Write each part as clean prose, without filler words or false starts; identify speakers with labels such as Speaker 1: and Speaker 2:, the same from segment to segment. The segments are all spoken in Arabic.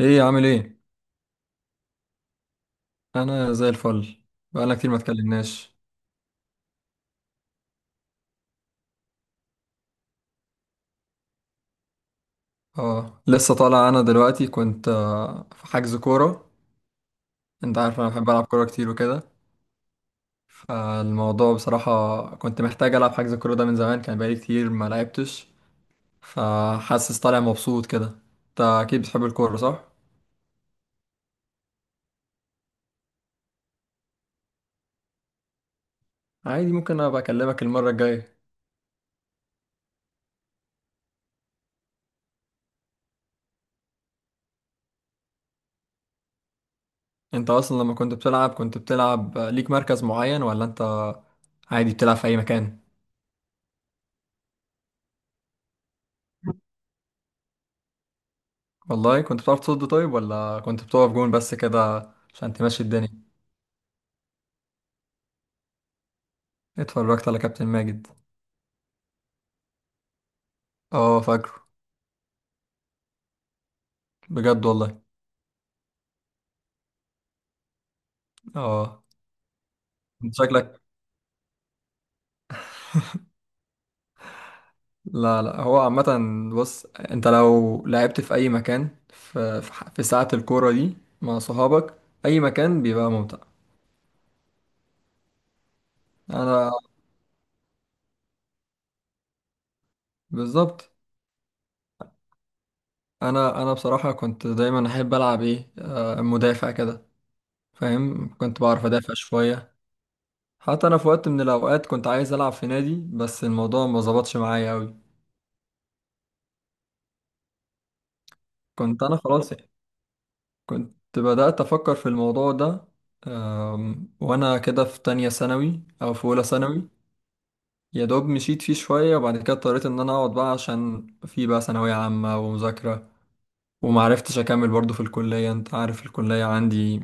Speaker 1: ايه، عامل ايه؟ انا زي الفل. بقالنا كتير ما اتكلمناش. اه، لسه طالع. انا دلوقتي كنت في حجز كوره. انت عارف انا بحب العب كوره كتير وكده. فالموضوع بصراحه كنت محتاج العب حجز الكوره ده من زمان، كان بقالي كتير ما لعبتش. فحاسس طالع مبسوط كده. انت اكيد بتحب الكوره، صح؟ عادي، ممكن ابقى اكلمك المره الجايه. انت اصلا لما كنت بتلعب، كنت بتلعب ليك مركز معين ولا انت عادي بتلعب في اي مكان؟ والله كنت بتعرف تصد طيب ولا كنت بتقف جون بس كده عشان تمشي الدنيا؟ اتفرجت على كابتن ماجد. اه، فاكره. بجد والله؟ اه. انت شكلك لا، لا، هو عامة. بص، انت لو لعبت في اي مكان، في ساعة الكورة دي مع صحابك، اي مكان بيبقى ممتع. انا، بالظبط. انا بصراحة كنت دايما احب العب ايه مدافع كده. فاهم، كنت بعرف ادافع شوية. حتى انا في وقت من الاوقات كنت عايز العب في نادي بس الموضوع ما ظبطش معايا قوي. كنت انا خلاص. كنت بدأت افكر في الموضوع ده. وانا كده في تانية ثانوي او في اولى ثانوي. يا دوب مشيت فيه شوية، وبعد كده اضطريت ان انا اقعد بقى عشان في بقى ثانوية عامة ومذاكرة. ومعرفتش اكمل برضو في الكلية. انت عارف الكلية عندي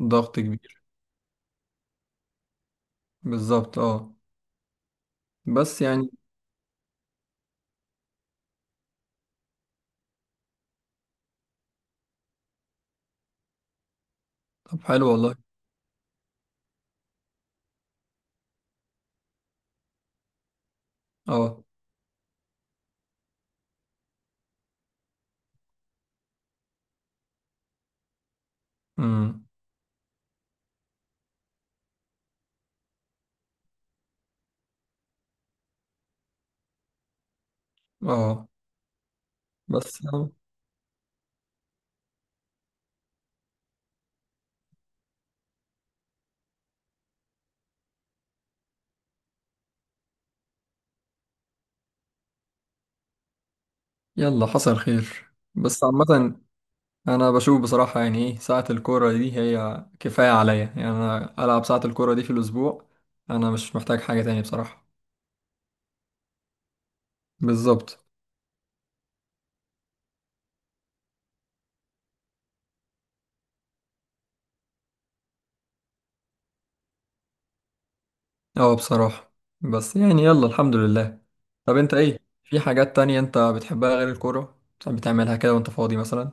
Speaker 1: ضغط كبير. بالظبط، اه. بس يعني. طب، حلو والله. اه. امم. اه. بس يلا، حصل خير، بس عامة. أنا بشوف بصراحة، يعني إيه ساعة الكورة دي، هي كفاية عليا، يعني أنا ألعب ساعة الكورة دي في الأسبوع. أنا مش محتاج حاجة تاني بصراحة. بالظبط. أه، بصراحة، بس يعني، يلا الحمد لله. طب أنت إيه؟ في حاجات تانية أنت بتحبها غير الكورة بتحب تعملها كده وأنت فاضي مثلا؟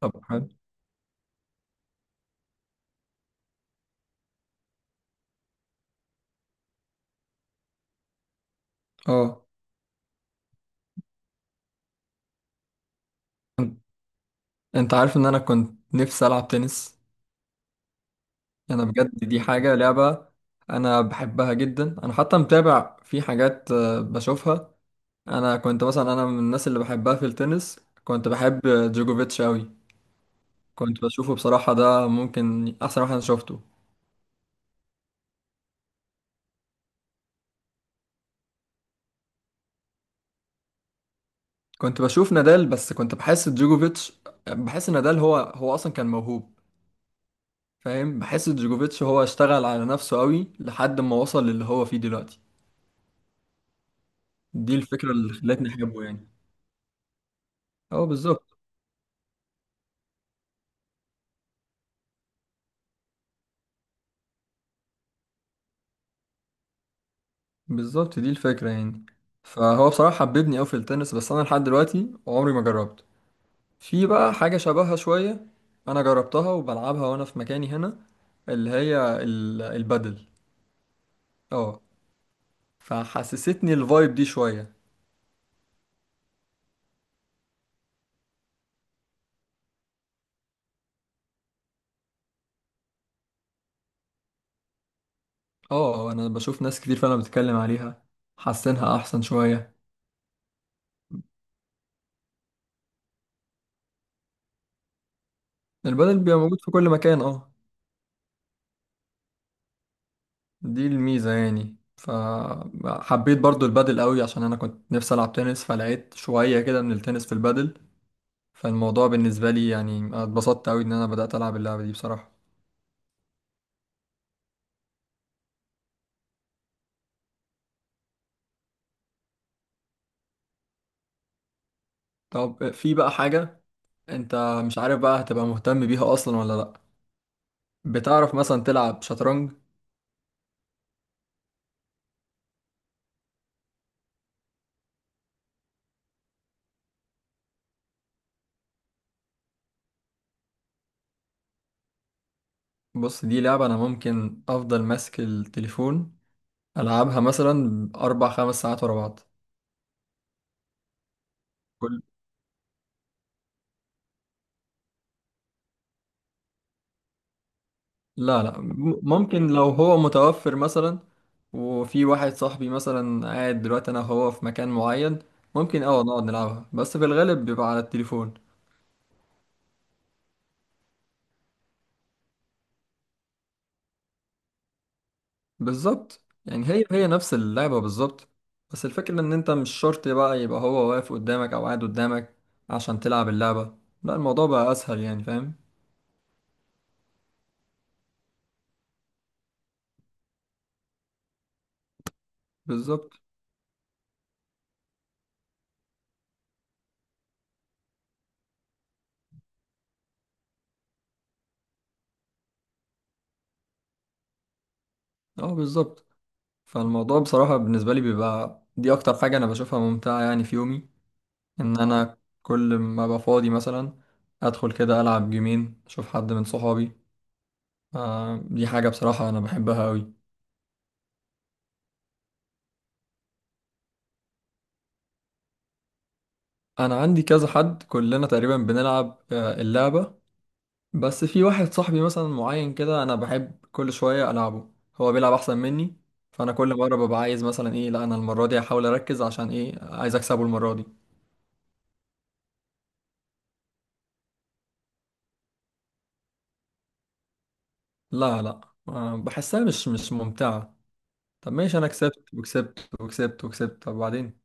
Speaker 1: طب، حلو. أه. أن- أنت عارف إن أنا كنت نفسي ألعب تنس. أنا بجد، دي حاجة لعبة. أنا بحبها جدا. أنا حتى متابع، في حاجات بشوفها. انا كنت مثلا، انا من الناس اللي بحبها في التنس، كنت بحب جوجوفيتش قوي. كنت بشوفه بصراحة، ده ممكن احسن واحد انا شفته. كنت بشوف نادال بس كنت بحس جوجوفيتش. بحس نادال هو هو اصلا كان موهوب. فاهم، بحس جوجوفيتش هو اشتغل على نفسه قوي لحد ما وصل للي هو فيه دلوقتي. دي الفكرة اللي خلتني احبه يعني. اه، بالظبط. بالظبط، دي الفكرة يعني. فهو بصراحة حببني قوي في التنس، بس انا لحد دلوقتي عمري ما جربت. في بقى حاجة شبهها شوية. أنا جربتها وبلعبها وأنا في مكاني هنا، اللي هي البادل. اه. فحسستني الفايب دي شوية. اه، أنا بشوف ناس كتير فعلا بتتكلم عليها. حاسينها أحسن شوية. البادل بيبقى موجود في كل مكان، اه. دي الميزة يعني، فحبيت برضو البادل قوي عشان أنا كنت نفسي ألعب تنس، فلقيت شوية كده من التنس في البادل. فالموضوع بالنسبة لي يعني اتبسطت قوي إن أنا بدأت ألعب اللعبة دي بصراحة. طب في بقى حاجة. انت، مش عارف بقى هتبقى مهتم بيها اصلا ولا لا؟ بتعرف مثلا تلعب شطرنج؟ بص، دي لعبة انا ممكن افضل ماسك التليفون العبها مثلا اربع خمس ساعات ورا بعض. كل لا، لا، ممكن لو هو متوفر مثلا. وفي واحد صاحبي مثلا قاعد دلوقتي انا وهو في مكان معين. ممكن نقعد نلعبها بس في الغالب بيبقى على التليفون. بالظبط، يعني هي هي نفس اللعبة بالظبط. بس الفكرة ان انت مش شرط بقى يبقى هو واقف قدامك او قاعد قدامك عشان تلعب اللعبة، لا، الموضوع بقى اسهل يعني، فاهم. بالظبط. اه، بالظبط. فالموضوع بصراحة بالنسبة لي بيبقى دي اكتر حاجة انا بشوفها ممتعة يعني في يومي. ان انا كل ما ابقى فاضي مثلا ادخل كده العب جيمين اشوف حد من صحابي. آه، دي حاجة بصراحة انا بحبها قوي. انا عندي كذا حد كلنا تقريبا بنلعب اللعبة. بس في واحد صاحبي مثلا معين كده انا بحب كل شويه العبه. هو بيلعب احسن مني. فانا كل مره ببقى عايز مثلا ايه، لا انا المره دي هحاول اركز عشان ايه عايز اكسبه المره دي. لا، لا، بحسها مش ممتعه. طب ماشي، انا كسبت وكسبت وكسبت وكسبت، طب بعدين؟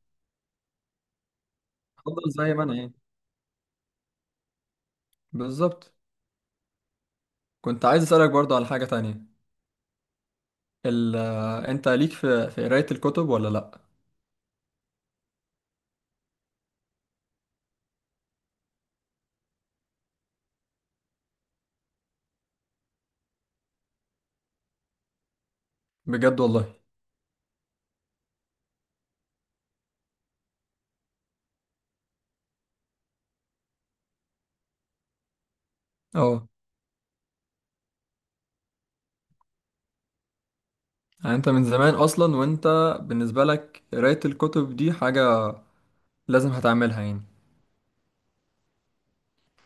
Speaker 1: افضل زي ما انا يعني. بالظبط. كنت عايز اسالك برضو على حاجه تانية. ال آه، انت ليك في قرايه الكتب، ولا لا؟ بجد والله. اه. يعني انت من زمان اصلا وانت، بالنسبه لك قرايه الكتب دي حاجه لازم هتعملها يعني؟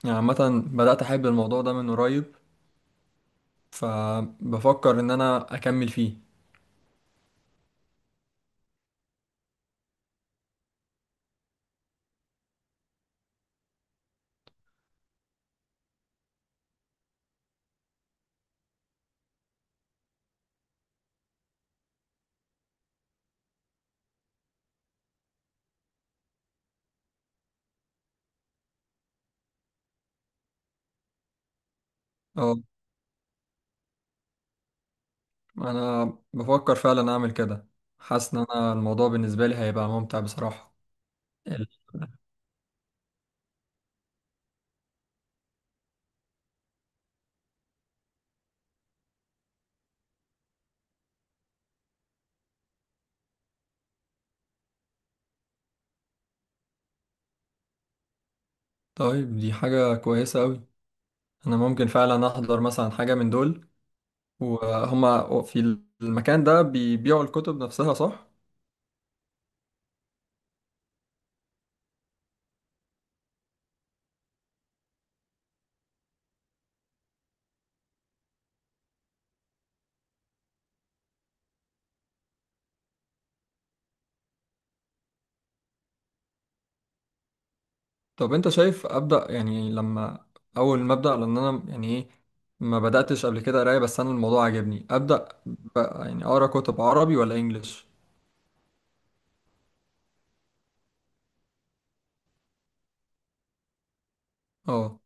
Speaker 1: يعني عامة بدأت أحب الموضوع ده من قريب. فبفكر إن أنا أكمل فيه. أه. أنا بفكر فعلا أعمل كده. حاسس إن أنا الموضوع بالنسبة لي هيبقى ممتع بصراحة. ال- طيب، دي حاجة كويسة أوي. أنا ممكن فعلا أحضر مثلا حاجة من دول، وهما في المكان ده بيبيعوا الكتب نفسها، صح؟ طب انت شايف ابدا، يعني لما اول ما ابدا، لان انا يعني ايه ما بداتش قبل كده قرايه، بس انا الموضوع عجبني. ابدا بقى يعني اقرا كتب عربي ولا انجليش؟ اه.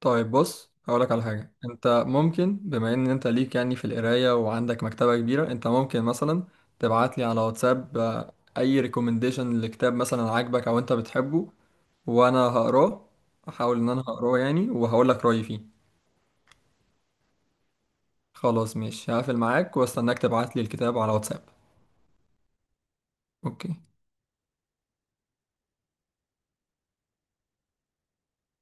Speaker 1: طيب بص، هقولك على حاجه. انت ممكن، بما ان انت ليك يعني في القرايه وعندك مكتبه كبيره، انت ممكن مثلا تبعت لي على واتساب اي ريكومنديشن لكتاب مثلا عاجبك او انت بتحبه وانا هقراه. احاول ان انا هقراه يعني، وهقول لك رايي فيه. خلاص ماشي، هقفل معاك واستناك تبعت لي الكتاب على واتساب. اوكي.